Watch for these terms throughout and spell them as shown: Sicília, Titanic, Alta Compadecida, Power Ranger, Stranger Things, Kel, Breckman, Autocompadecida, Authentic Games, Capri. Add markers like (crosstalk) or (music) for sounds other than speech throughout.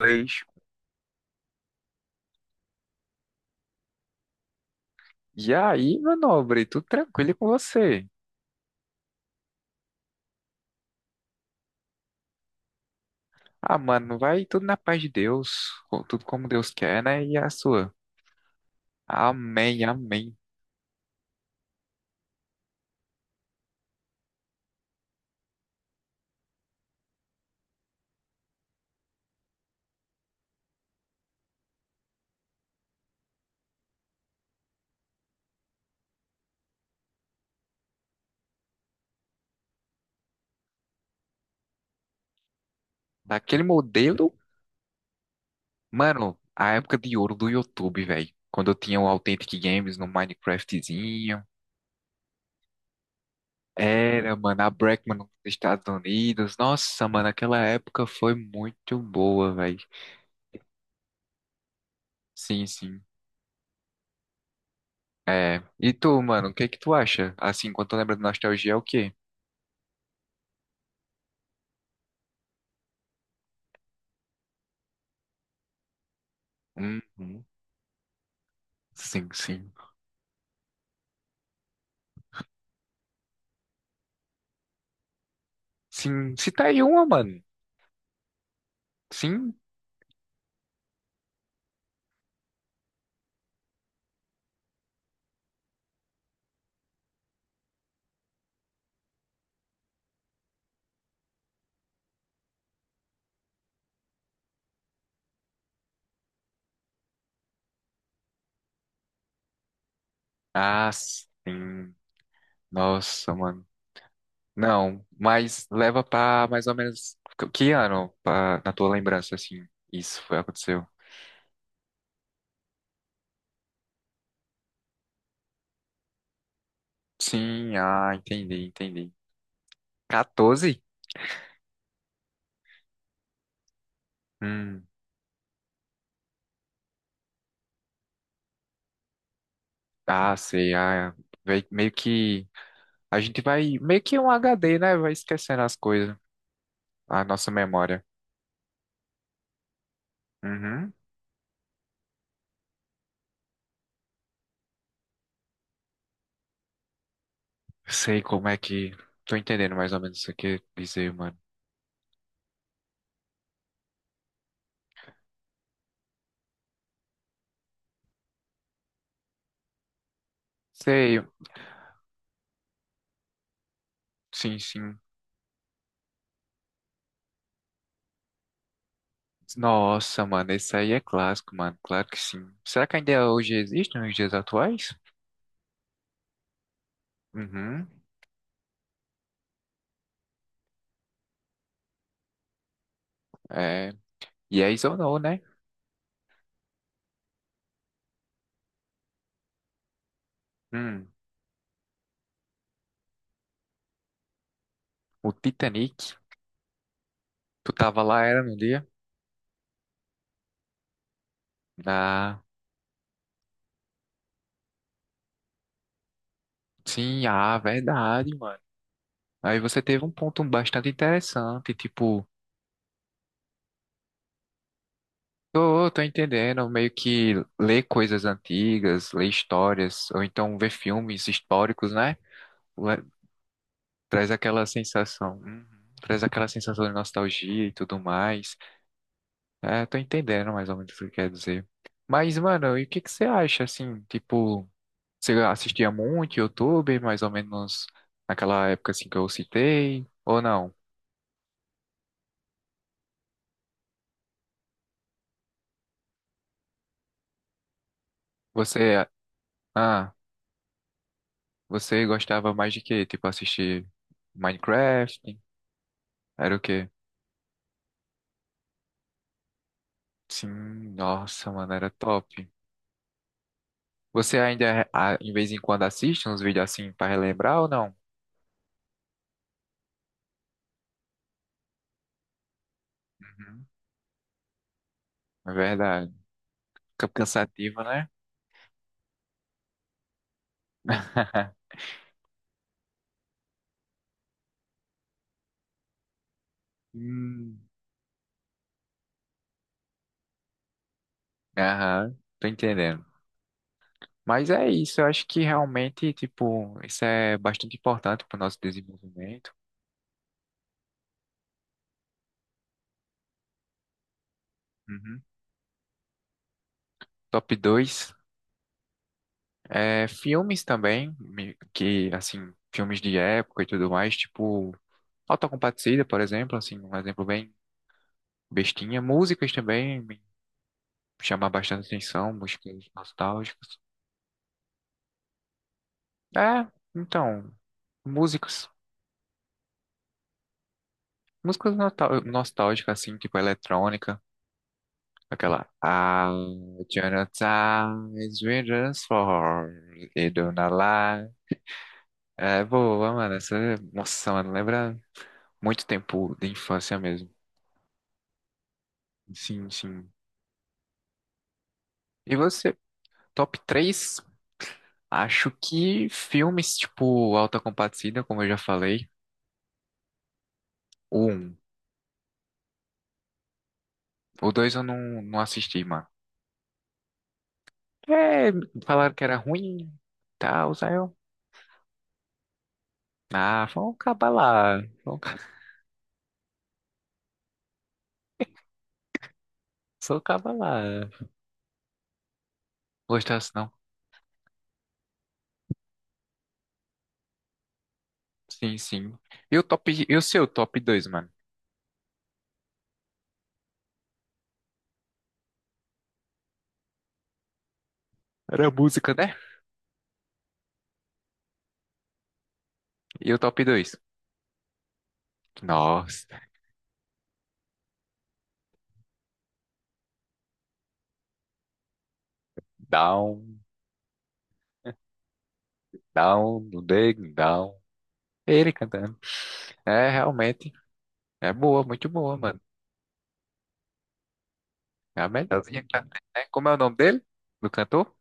Inglês. E aí, meu nobre, tudo tranquilo com você? Ah, mano, vai tudo na paz de Deus, com- tudo como Deus quer, né? E a sua? Amém, amém. Daquele modelo, mano, a época de ouro do YouTube, velho. Quando eu tinha o Authentic Games no Minecraftzinho. Era, mano, a Breckman nos Estados Unidos. Nossa, mano, aquela época foi muito boa, velho. Sim, sim. É. E tu, mano, o que que tu acha? Assim, quando tu lembra de nostalgia, é o quê? Uhum. Sim, sim. Sim, cita aí uma, mano. Sim. Ah, sim. Nossa, mano. Não, mas leva pra mais ou menos que ano, pra- na tua lembrança, assim, isso foi, aconteceu. Sim, ah, entendi, entendi. 14? Hum, ah, sei, ah, vei- meio que, a gente vai, meio que um HD, né, vai esquecendo as coisas, a nossa memória. Uhum, sei como é que, tô entendendo mais ou menos o que você quer dizer, mano. Sei, sim, sim. Nossa, mano, esse aí é clássico, mano. Claro que sim. Será que ainda hoje existe nos dias atuais? Uhum. É. Yes ou não, né? Hum. O Titanic. Tu tava lá, era no dia? Ah, sim, ah, verdade, mano. Aí você teve um ponto bastante interessante, tipo, tô, tô entendendo, meio que ler coisas antigas, ler histórias, ou então ver filmes históricos, né? Le- Traz aquela sensação, uhum, traz aquela sensação de nostalgia e tudo mais. É, tô entendendo mais ou menos o que quer dizer. Mas, mano, e o que que você acha, assim, tipo, você assistia muito YouTube, mais ou menos naquela época, assim, que eu citei, ou não? Você, ah, você gostava mais de quê? Tipo, assistir Minecraft? Era o quê? Sim, nossa, mano, era top. Você ainda, ah, em vez em quando, assiste uns vídeos assim pra relembrar ou não? Uhum, é verdade. Fica cansativo, né? (laughs) Hum, aham, tô entendendo. Mas é isso, eu acho que realmente, tipo, isso é bastante importante para o nosso desenvolvimento. Uhum. Top dois. É, filmes também, me- que, assim, filmes de época e tudo mais, tipo, Autocompadecida, por exemplo, assim, um exemplo bem bestinha. Músicas também me chamam bastante atenção, músicas nostálgicas. É, então, músicas, músicas nostal- nostálgicas, assim, tipo, eletrônica. Aquela I'll Jonathan's Rangers for e Dona Lá. É boa, mano. Essa, nossa, mano, lembra muito tempo de infância mesmo. Sim, sim. E você, top três. Acho que filmes tipo Alta Compadecida, como eu já falei. O 1. O dois eu não, não assisti, mano. É, falaram que era ruim, tal, saiu. Ah, vamos acabar lá. Vamos ca- (laughs) Só acabar lá. Gostasse não, sim, sim. E o top, e o seu top 2 mano? Era música, né? E o top dois. Nossa, down, down, down, down. Ele cantando. É, realmente, é boa, muito boa, mano. É a melhorzinha que já tem, né? Como é o nome dele? Do cantor?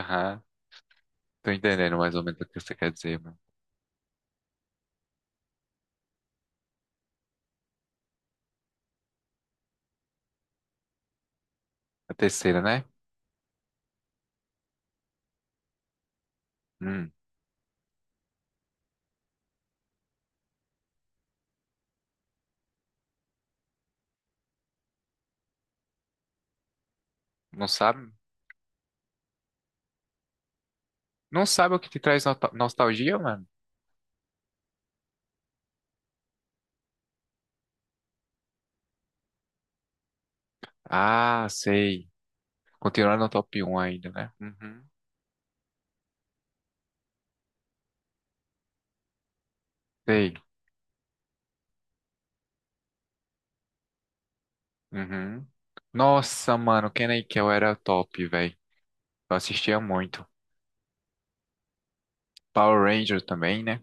Aham, tô entendendo mais ou menos o que você quer dizer, mano. A terceira, né? Hum, não sabe? Não sabe o que te traz nota- nostalgia, mano? Ah, sei. Continuando no top um ainda, né? Uhum. Sei. Uhum. Nossa, mano, Kel era top, velho. Eu assistia muito. Power Ranger também, né?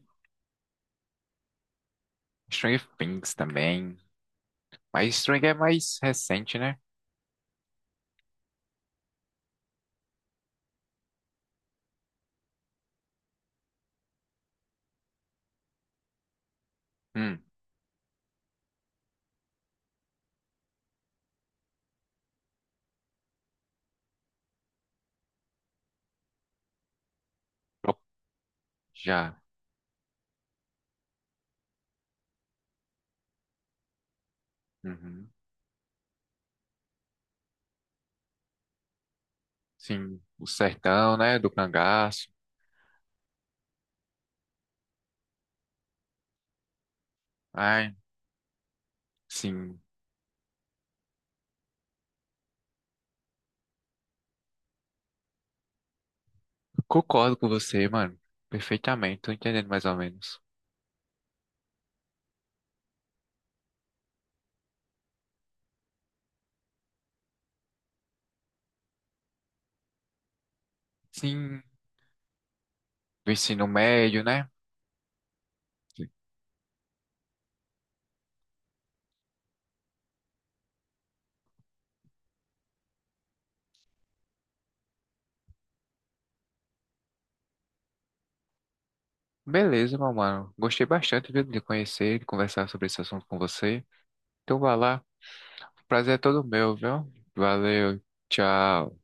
Stranger Things também. Mas Stranger é mais recente, né? Hum, eu- já. Uhum. Sim, o sertão, né? Do cangaço. Ai, sim. Concordo com você, mano. Perfeitamente, tô entendendo mais ou menos. Sim, do ensino médio, né? Beleza, meu mano. Gostei bastante viu, de conhecer, de conversar sobre esse assunto com você. Então, vai lá. Prazer é todo meu, viu? Valeu, tchau.